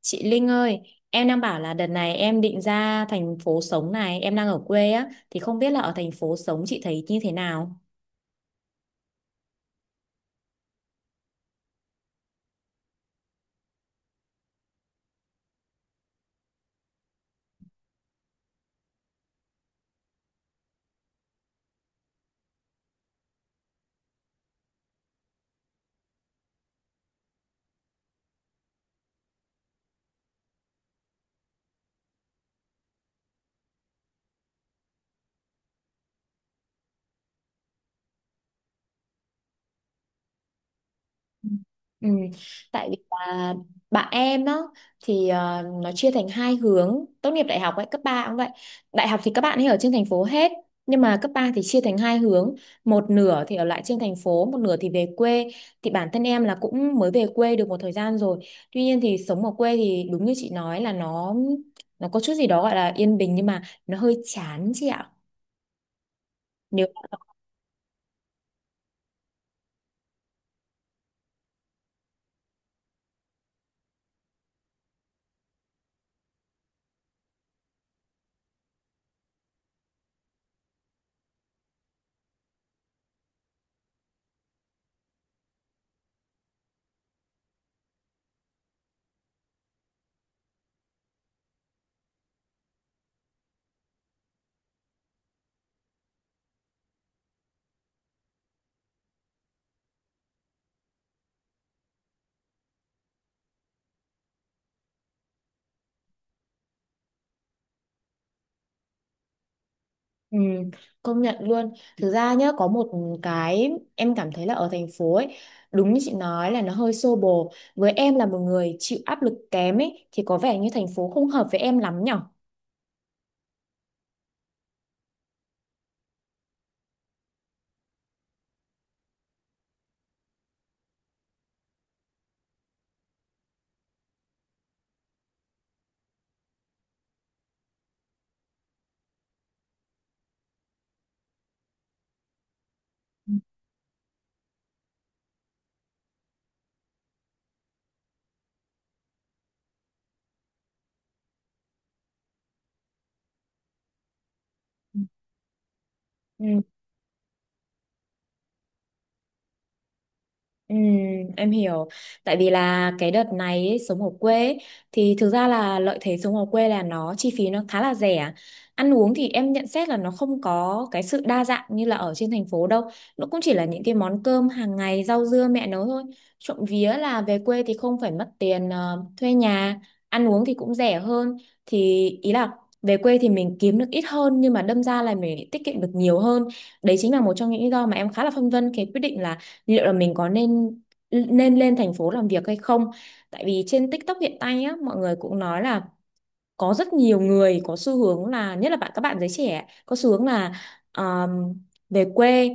Chị Linh ơi, em đang bảo là đợt này em định ra thành phố sống này, em đang ở quê á, thì không biết là ở thành phố sống chị thấy như thế nào? Ừ. Ừ. Tại vì là bạn em đó thì nó chia thành hai hướng. Tốt nghiệp đại học ấy, cấp 3 cũng vậy. Đại học thì các bạn ấy ở trên thành phố hết, nhưng mà cấp 3 thì chia thành hai hướng, một nửa thì ở lại trên thành phố, một nửa thì về quê. Thì bản thân em là cũng mới về quê được một thời gian rồi. Tuy nhiên thì sống ở quê thì đúng như chị nói là nó có chút gì đó gọi là yên bình, nhưng mà nó hơi chán chị ạ. Nếu. Ừ, công nhận luôn. Thực ra nhá, có một cái em cảm thấy là ở thành phố ấy, đúng như chị nói là nó hơi xô bồ. Với em là một người chịu áp lực kém ấy, thì có vẻ như thành phố không hợp với em lắm nhở? Ừ. Ừ. Ừ, em hiểu. Tại vì là cái đợt này ấy, sống ở quê ấy, thì thực ra là lợi thế sống ở quê là nó chi phí nó khá là rẻ. Ăn uống thì em nhận xét là nó không có cái sự đa dạng như là ở trên thành phố đâu. Nó cũng chỉ là những cái món cơm hàng ngày, rau dưa mẹ nấu thôi. Trộm vía là về quê thì không phải mất tiền thuê nhà, ăn uống thì cũng rẻ hơn. Thì ý là về quê thì mình kiếm được ít hơn, nhưng mà đâm ra là mình tiết kiệm được nhiều hơn. Đấy chính là một trong những lý do mà em khá là phân vân cái quyết định là liệu là mình có nên nên lên thành phố làm việc hay không. Tại vì trên TikTok hiện tại á, mọi người cũng nói là có rất nhiều người có xu hướng là, nhất là các bạn giới trẻ có xu hướng là um, về quê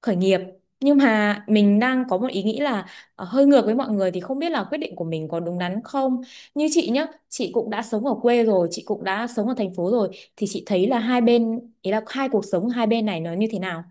khởi nghiệp. Nhưng mà mình đang có một ý nghĩ là hơi ngược với mọi người, thì không biết là quyết định của mình có đúng đắn không. Như chị nhá, chị cũng đã sống ở quê rồi, chị cũng đã sống ở thành phố rồi, thì chị thấy là hai bên, ý là hai cuộc sống hai bên này nó như thế nào.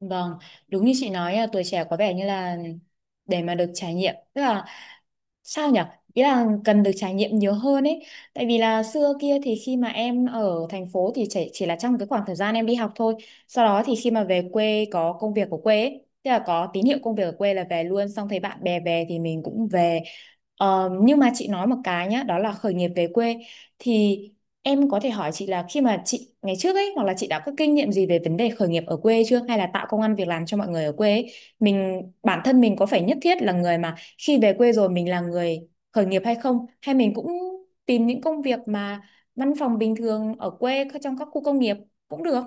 Vâng, đúng như chị nói à, tuổi trẻ có vẻ như là để mà được trải nghiệm, tức là sao nhở? Ý là cần được trải nghiệm nhiều hơn ấy. Tại vì là xưa kia thì khi mà em ở thành phố thì chỉ là trong cái khoảng thời gian em đi học thôi. Sau đó thì khi mà về quê có công việc ở quê ấy, tức là có tín hiệu công việc ở quê là về luôn, xong thấy bạn bè về thì mình cũng về. Ờ, nhưng mà chị nói một cái nhá, đó là khởi nghiệp về quê, thì em có thể hỏi chị là khi mà chị ngày trước ấy, hoặc là chị đã có kinh nghiệm gì về vấn đề khởi nghiệp ở quê chưa, hay là tạo công ăn việc làm cho mọi người ở quê ấy? Mình, bản thân mình có phải nhất thiết là người mà khi về quê rồi mình là người khởi nghiệp hay không, hay mình cũng tìm những công việc mà văn phòng bình thường ở quê, trong các khu công nghiệp cũng được.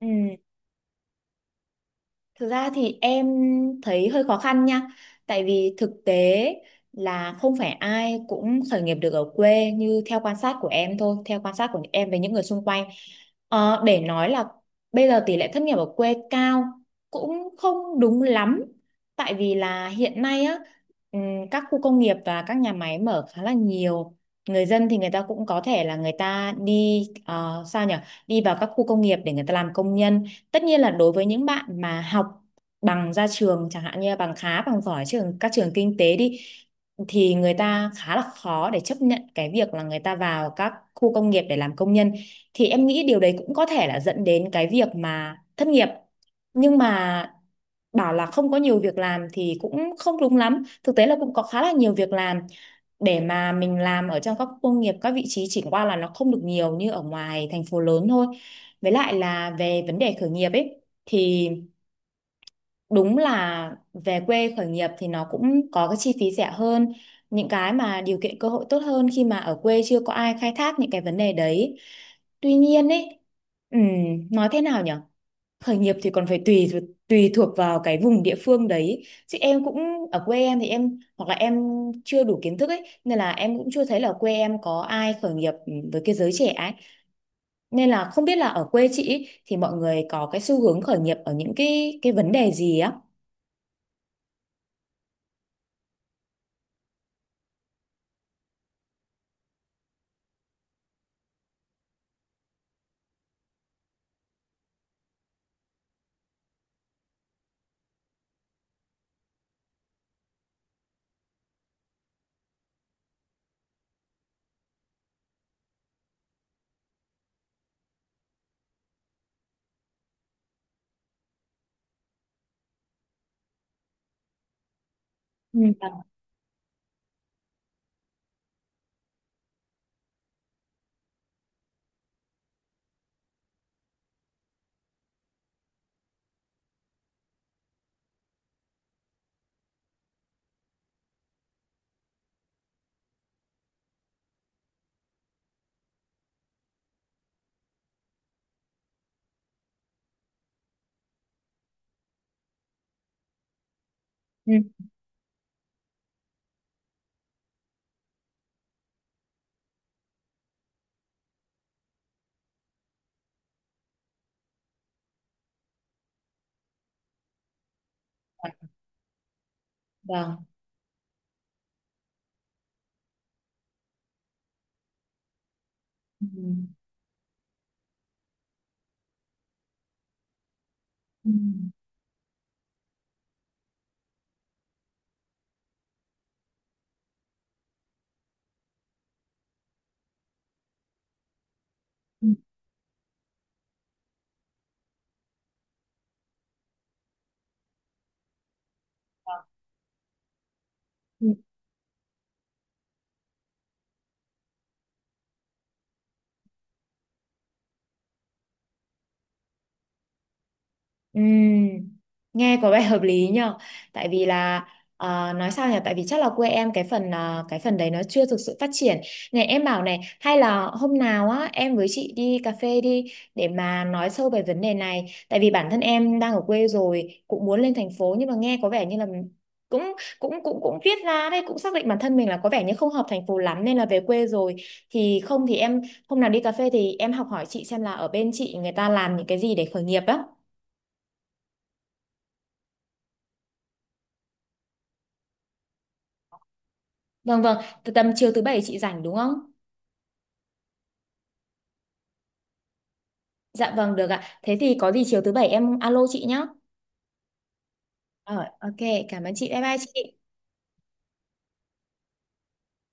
Ừ. Thực ra thì em thấy hơi khó khăn nha, tại vì thực tế là không phải ai cũng khởi nghiệp được ở quê, như theo quan sát của em thôi, theo quan sát của em với những người xung quanh. Ờ, để nói là bây giờ tỷ lệ thất nghiệp ở quê cao cũng không đúng lắm, tại vì là hiện nay á, ừm, các khu công nghiệp và các nhà máy mở khá là nhiều. Người dân thì người ta cũng có thể là người ta đi sao nhỉ? Đi vào các khu công nghiệp để người ta làm công nhân. Tất nhiên là đối với những bạn mà học bằng ra trường, chẳng hạn như là bằng khá, bằng giỏi trường các trường kinh tế đi, thì người ta khá là khó để chấp nhận cái việc là người ta vào các khu công nghiệp để làm công nhân. Thì em nghĩ điều đấy cũng có thể là dẫn đến cái việc mà thất nghiệp. Nhưng mà bảo là không có nhiều việc làm thì cũng không đúng lắm, thực tế là cũng có khá là nhiều việc làm để mà mình làm ở trong các khu công nghiệp, các vị trí chỉ qua là nó không được nhiều như ở ngoài thành phố lớn thôi. Với lại là về vấn đề khởi nghiệp ấy, thì đúng là về quê khởi nghiệp thì nó cũng có cái chi phí rẻ hơn, những cái mà điều kiện cơ hội tốt hơn khi mà ở quê chưa có ai khai thác những cái vấn đề đấy. Tuy nhiên ấy, ừm, nói thế nào nhỉ? Khởi nghiệp thì còn phải tùy thuộc vào cái vùng địa phương đấy. Chứ em cũng, ở quê em thì em hoặc là em chưa đủ kiến thức ấy, nên là em cũng chưa thấy là quê em có ai khởi nghiệp với cái giới trẻ ấy, nên là không biết là ở quê chị ý, thì mọi người có cái xu hướng khởi nghiệp ở những cái vấn đề gì á? Ừ. Vâng. Ừ. Vâng. Ừ. Ừ. Ừ. Ừm, nghe có vẻ hợp lý nhờ. Tại vì là nói sao nhỉ, tại vì chắc là quê em cái phần đấy nó chưa thực sự phát triển. Này em bảo này, hay là hôm nào á em với chị đi cà phê đi, để mà nói sâu về vấn đề này. Tại vì bản thân em đang ở quê rồi cũng muốn lên thành phố, nhưng mà nghe có vẻ như là cũng, cũng cũng cũng viết ra đây, cũng xác định bản thân mình là có vẻ như không hợp thành phố lắm, nên là về quê rồi. Thì không thì em, hôm nào đi cà phê thì em học hỏi chị xem là ở bên chị người ta làm những cái gì để khởi nghiệp á. Vâng, vâng, từ tầm chiều thứ bảy chị rảnh đúng không? Dạ vâng, được ạ. Thế thì có gì chiều thứ bảy em alo chị nhé. Ờ, ok, cảm ơn chị. Bye bye chị.